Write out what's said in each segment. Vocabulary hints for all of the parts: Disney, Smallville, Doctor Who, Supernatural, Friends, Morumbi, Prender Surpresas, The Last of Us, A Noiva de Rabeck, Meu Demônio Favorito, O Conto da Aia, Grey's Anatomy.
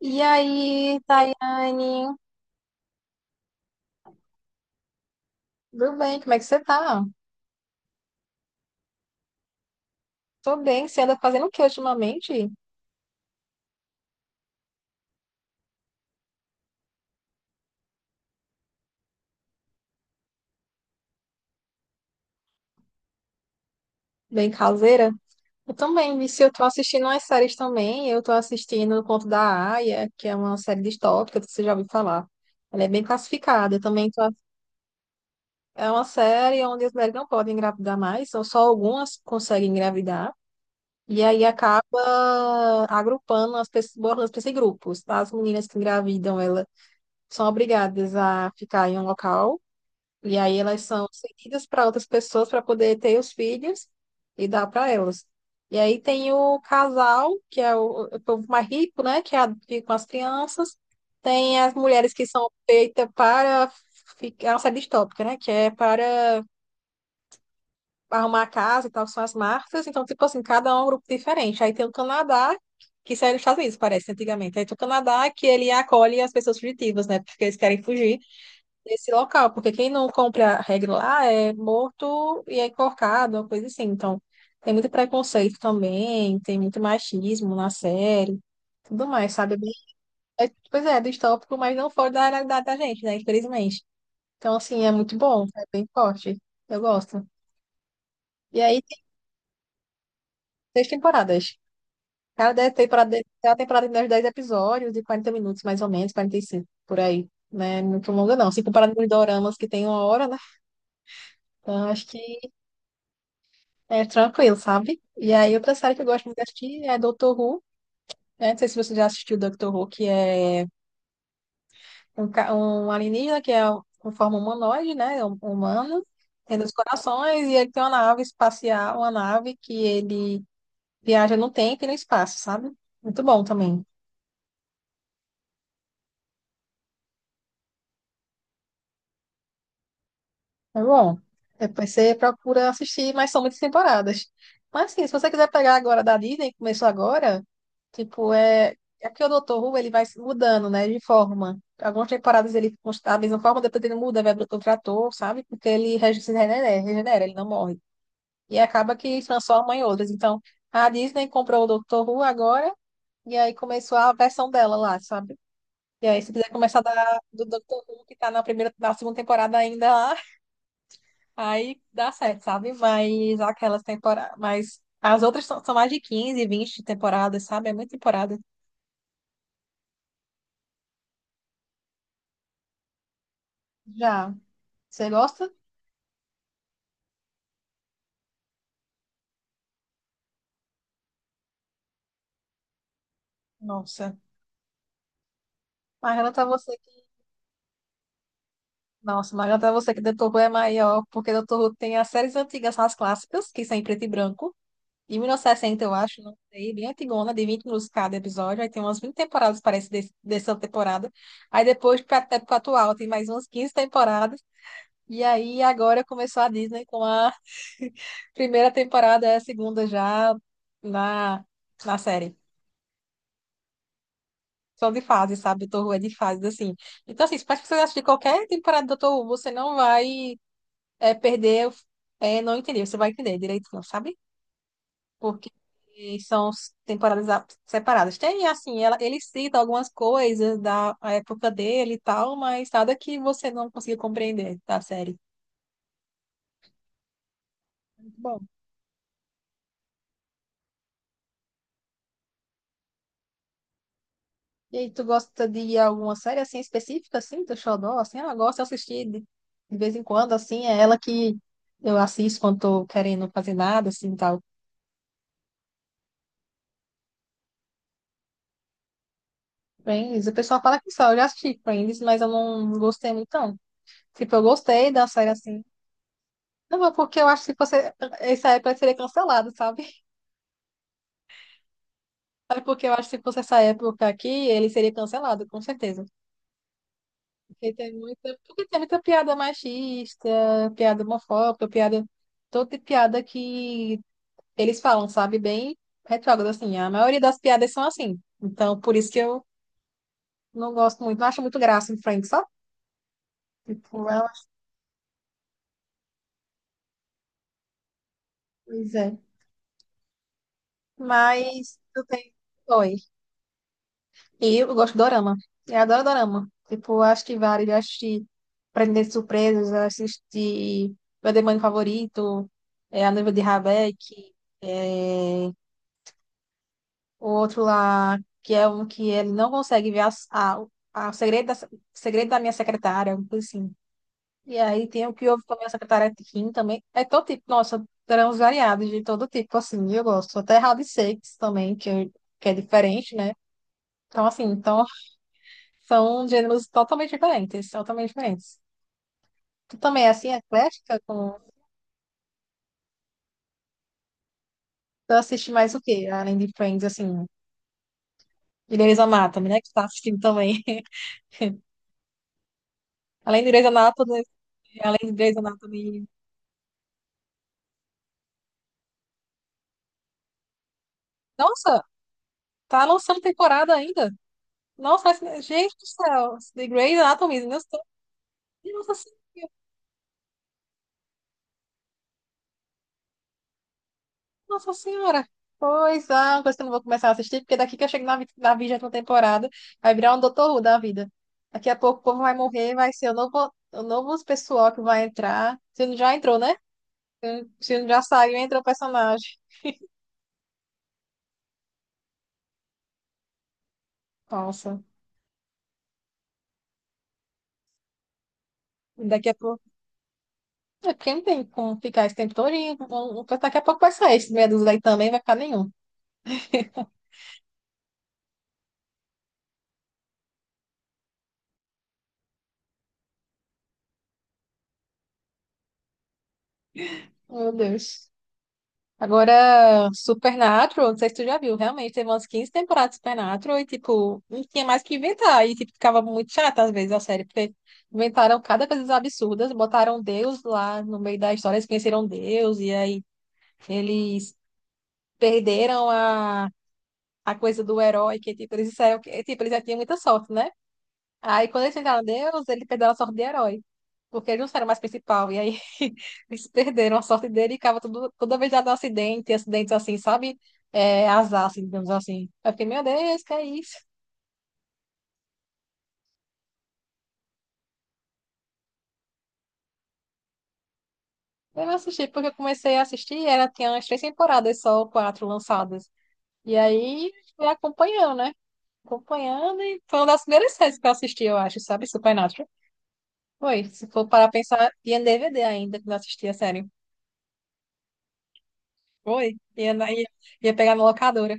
E aí, Tayane? Tudo bem? Como é que você tá? Tô bem. Você anda fazendo o que ultimamente? Bem caseira? Eu também, Vici. Eu tô assistindo umas séries também. Eu tô assistindo O Conto da Aia, que é uma série distópica que você já ouviu falar. Ela é bem classificada. Eu também tô... É uma série onde as mulheres não podem engravidar mais, são só algumas que conseguem engravidar. E aí acaba agrupando as pessoas, botando as pessoas em grupos. As meninas que engravidam, elas são obrigadas a ficar em um local. E aí elas são cedidas para outras pessoas para poder ter os filhos e dar para elas. E aí tem o casal, que é o povo mais rico, né? Que é fica com as crianças. Tem as mulheres que são feitas para ficar, é uma série distópica, né? Que é para arrumar a casa e tal, que são as marcas. Então, tipo assim, cada um é um grupo diferente. Aí tem o Canadá, que isso era nos Estados Unidos, parece, antigamente. Aí tem o Canadá, que ele acolhe as pessoas fugitivas, né? Porque eles querem fugir nesse local, porque quem não cumpre a regra lá é morto e é enforcado, uma coisa assim. Então, tem muito preconceito também, tem muito machismo na série, tudo mais, sabe? Pois é, é distópico, mas não fora da realidade da gente, né? Infelizmente. Então, assim, é muito bom, é bem forte. Eu gosto. E aí, tem 6 temporadas. Cada dez temporada, cada temporada tem uns 10 episódios, de 40 minutos, mais ou menos, 45 por aí, né? Não é muito longa, não. Se comparado com os doramas que tem uma hora, né? Então, acho que é tranquilo, sabe? E aí, outra série que eu gosto muito de assistir é Doctor Who, né? Não sei se você já assistiu Doctor Who, que é um alienígena que é com forma humanoide, né? É um humano, tem 2 corações, e ele tem uma nave espacial, uma nave que ele viaja no tempo e no espaço, sabe? Muito bom também. É bom. Depois você procura assistir, mas são muitas temporadas. Mas assim, se você quiser pegar agora da Disney, que começou agora, tipo, é. É porque o Dr. Who ele vai se mudando, né, de forma. Algumas temporadas ele está da mesma forma, depois ele muda, vai para outro ator, sabe? Porque ele se regenera, regenera, ele não morre. E acaba que transforma em outras. Então, a Disney comprou o Dr. Who agora, e aí começou a versão dela lá, sabe? E aí, se quiser começar da, do Dr. Who, que tá na primeira, na segunda temporada ainda lá, aí dá certo, sabe? Mas aquelas temporadas. Mas as outras são mais de 15 20 temporadas, sabe? É muita temporada. Já. Você gosta? Nossa. Margaranta você que. Nossa, Margaranta você que Dr. Who é maior, porque Dr. Who tem as séries antigas, as clássicas, que são em preto e branco. De 1960, eu acho, não sei, bem antigona, de 20 minutos cada episódio. Aí tem umas 20 temporadas, parece, dessa temporada. Aí depois, pra época atual, tem mais umas 15 temporadas. E aí agora começou a Disney com a primeira temporada, é a segunda já na, na série. São de fases, sabe? Doutor Who é de fases, assim. Então, assim, para que você assistir qualquer temporada do Doutor Who, você não vai perder, não entender. Você vai entender direitinho, sabe? Porque são separadas. Tem, assim, ele cita algumas coisas da época dele e tal, mas nada que você não consiga compreender da série. Muito bom. E aí, tu gosta de alguma série assim específica, assim, do Xodó? Assim, ela gosta de assistir de vez em quando, assim, é ela que eu assisto quando tô querendo fazer nada, assim, tal. Friends, o pessoal fala que só, eu já assisti Friends, mas eu não gostei muito, não. Tipo, eu gostei da série, assim. Não, mas porque eu acho que se fosse, essa época ele seria cancelado, sabe? É porque eu acho que se fosse essa época aqui, ele seria cancelado, com certeza. Porque tem muita piada machista, piada homofóbica, piada todo tipo de piada que eles falam, sabe, bem retrógrado, assim. A maioria das piadas são assim. Então, por isso que eu não gosto muito, não acho muito graça em Friends, só tipo, ela, pois é. Mas eu tenho. Oi. E eu gosto de dorama. Eu adoro dorama. Tipo, eu acho vários. Eu assisti Prender Surpresas, eu assisti Meu Demônio Favorito, é, A Noiva de Rabeck, é, o outro lá, que é um que ele não consegue ver o segredo da minha secretária, algo assim. E aí tem o que houve também, essa cataratinha também. É todo tipo, nossa, grãos variados de todo tipo, assim, eu gosto. Até hard shakes também, que é diferente, né? Então, assim, são gêneros totalmente diferentes, totalmente diferentes. Tu também, é, assim, é eclética com... Tu assiste mais o quê? Além de Friends, assim, de Grey's Anatomy, né? Que tu tá assistindo também. Além de Grey's Anatomy, Além de Grey's Anatomy... Nossa, tá lançando temporada ainda? Nossa, assim, gente do céu, The Grey's Anatomy, meu Deus, Nossa Senhora! Pois é, uma coisa que eu não vou começar a assistir, porque daqui que eu chego na, na 20ª temporada, vai virar um Doutor Who da vida. Daqui a pouco o povo vai morrer, vai ser o novo pessoal que vai entrar. Se não já entrou, né? Se não já saiu, entrou o personagem. Nossa, daqui a pouco. É porque não tem como ficar esse tempo todo. E daqui a pouco vai sair esse meia dúzia aí também, vai ficar nenhum. Meu Deus. Agora, Supernatural, não sei se tu já viu, realmente teve umas 15 temporadas de Supernatural e, tipo, não tinha mais o que inventar. E, tipo, ficava muito chata às vezes a série, porque inventaram cada coisa absurda, botaram Deus lá no meio da história, eles conheceram Deus, e aí eles perderam a coisa do herói, que, tipo, eles disseram que, tipo, eles já tinham muita sorte, né? Aí, quando eles tentaram Deus, ele perdeu a sorte de herói. Porque eles não eram mais principal. E aí, eles perderam a sorte dele e ficava tudo, toda vez dado um acidente, acidentes assim, sabe? É, azar, assim, digamos assim. Eu fiquei, meu Deus, que é isso? Eu não assisti, porque eu comecei a assistir, era, tinha umas 3 temporadas só, quatro lançadas. E aí, fui acompanhando, né? Acompanhando, e foi uma das primeiras séries que eu assisti, eu acho, sabe? Supernatural. Foi, se for para pensar, tinha DVD ainda, que não assistia, sério. Foi, ia, na- ia, ia pegar na locadora.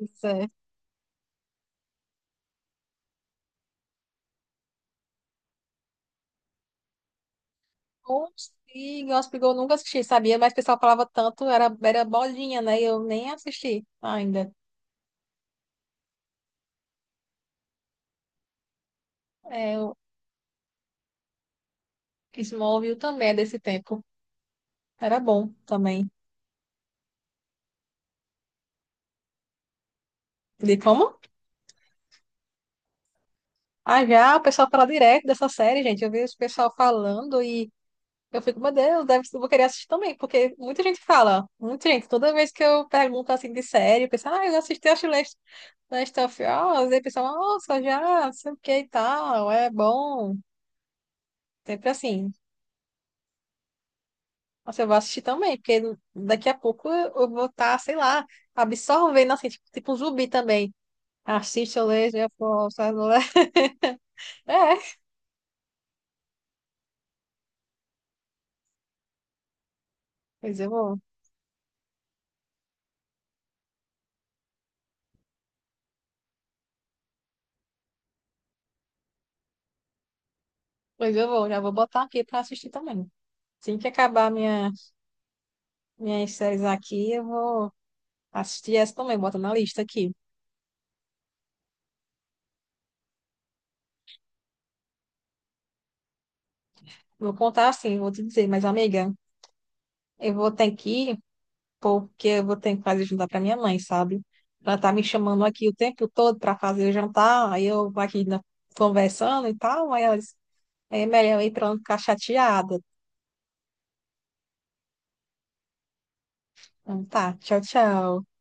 Isso é. Consigo, Hóspede eu nunca assisti, sabia? Mas o pessoal falava tanto, era, era bolinha, né? Eu nem assisti ainda. É, o Smallville também é desse tempo. Era bom também. De como? Ah, já, o pessoal fala direto dessa série, gente. Eu vi o pessoal falando e eu fico, meu Deus, deve, eu vou querer assistir também, porque muita gente fala, muita gente. Toda vez que eu pergunto assim de série, o pessoal, ah, eu assisti a Last of Us, e o pessoal, nossa, já, não sei o que e tal, é bom. Sempre assim. Nossa, eu vou assistir também, porque daqui a pouco eu vou estar, sei lá, absorvendo, assim, tipo, tipo um zumbi também. Assiste, eu leio, eu posso, eu leio. É, pois eu vou. Pois eu vou, já vou botar aqui pra assistir também. Assim que acabar minha, minhas séries aqui, eu vou assistir essa também, bota na lista aqui. Vou contar assim, vou te dizer, mas amiga, eu vou ter que ir, porque eu vou ter que fazer jantar pra minha mãe, sabe? Ela tá me chamando aqui o tempo todo pra fazer o jantar, aí eu aqui na- conversando e tal, aí ela disse, é melhor ir pra não ficar chateada. Então tá, tchau, tchau.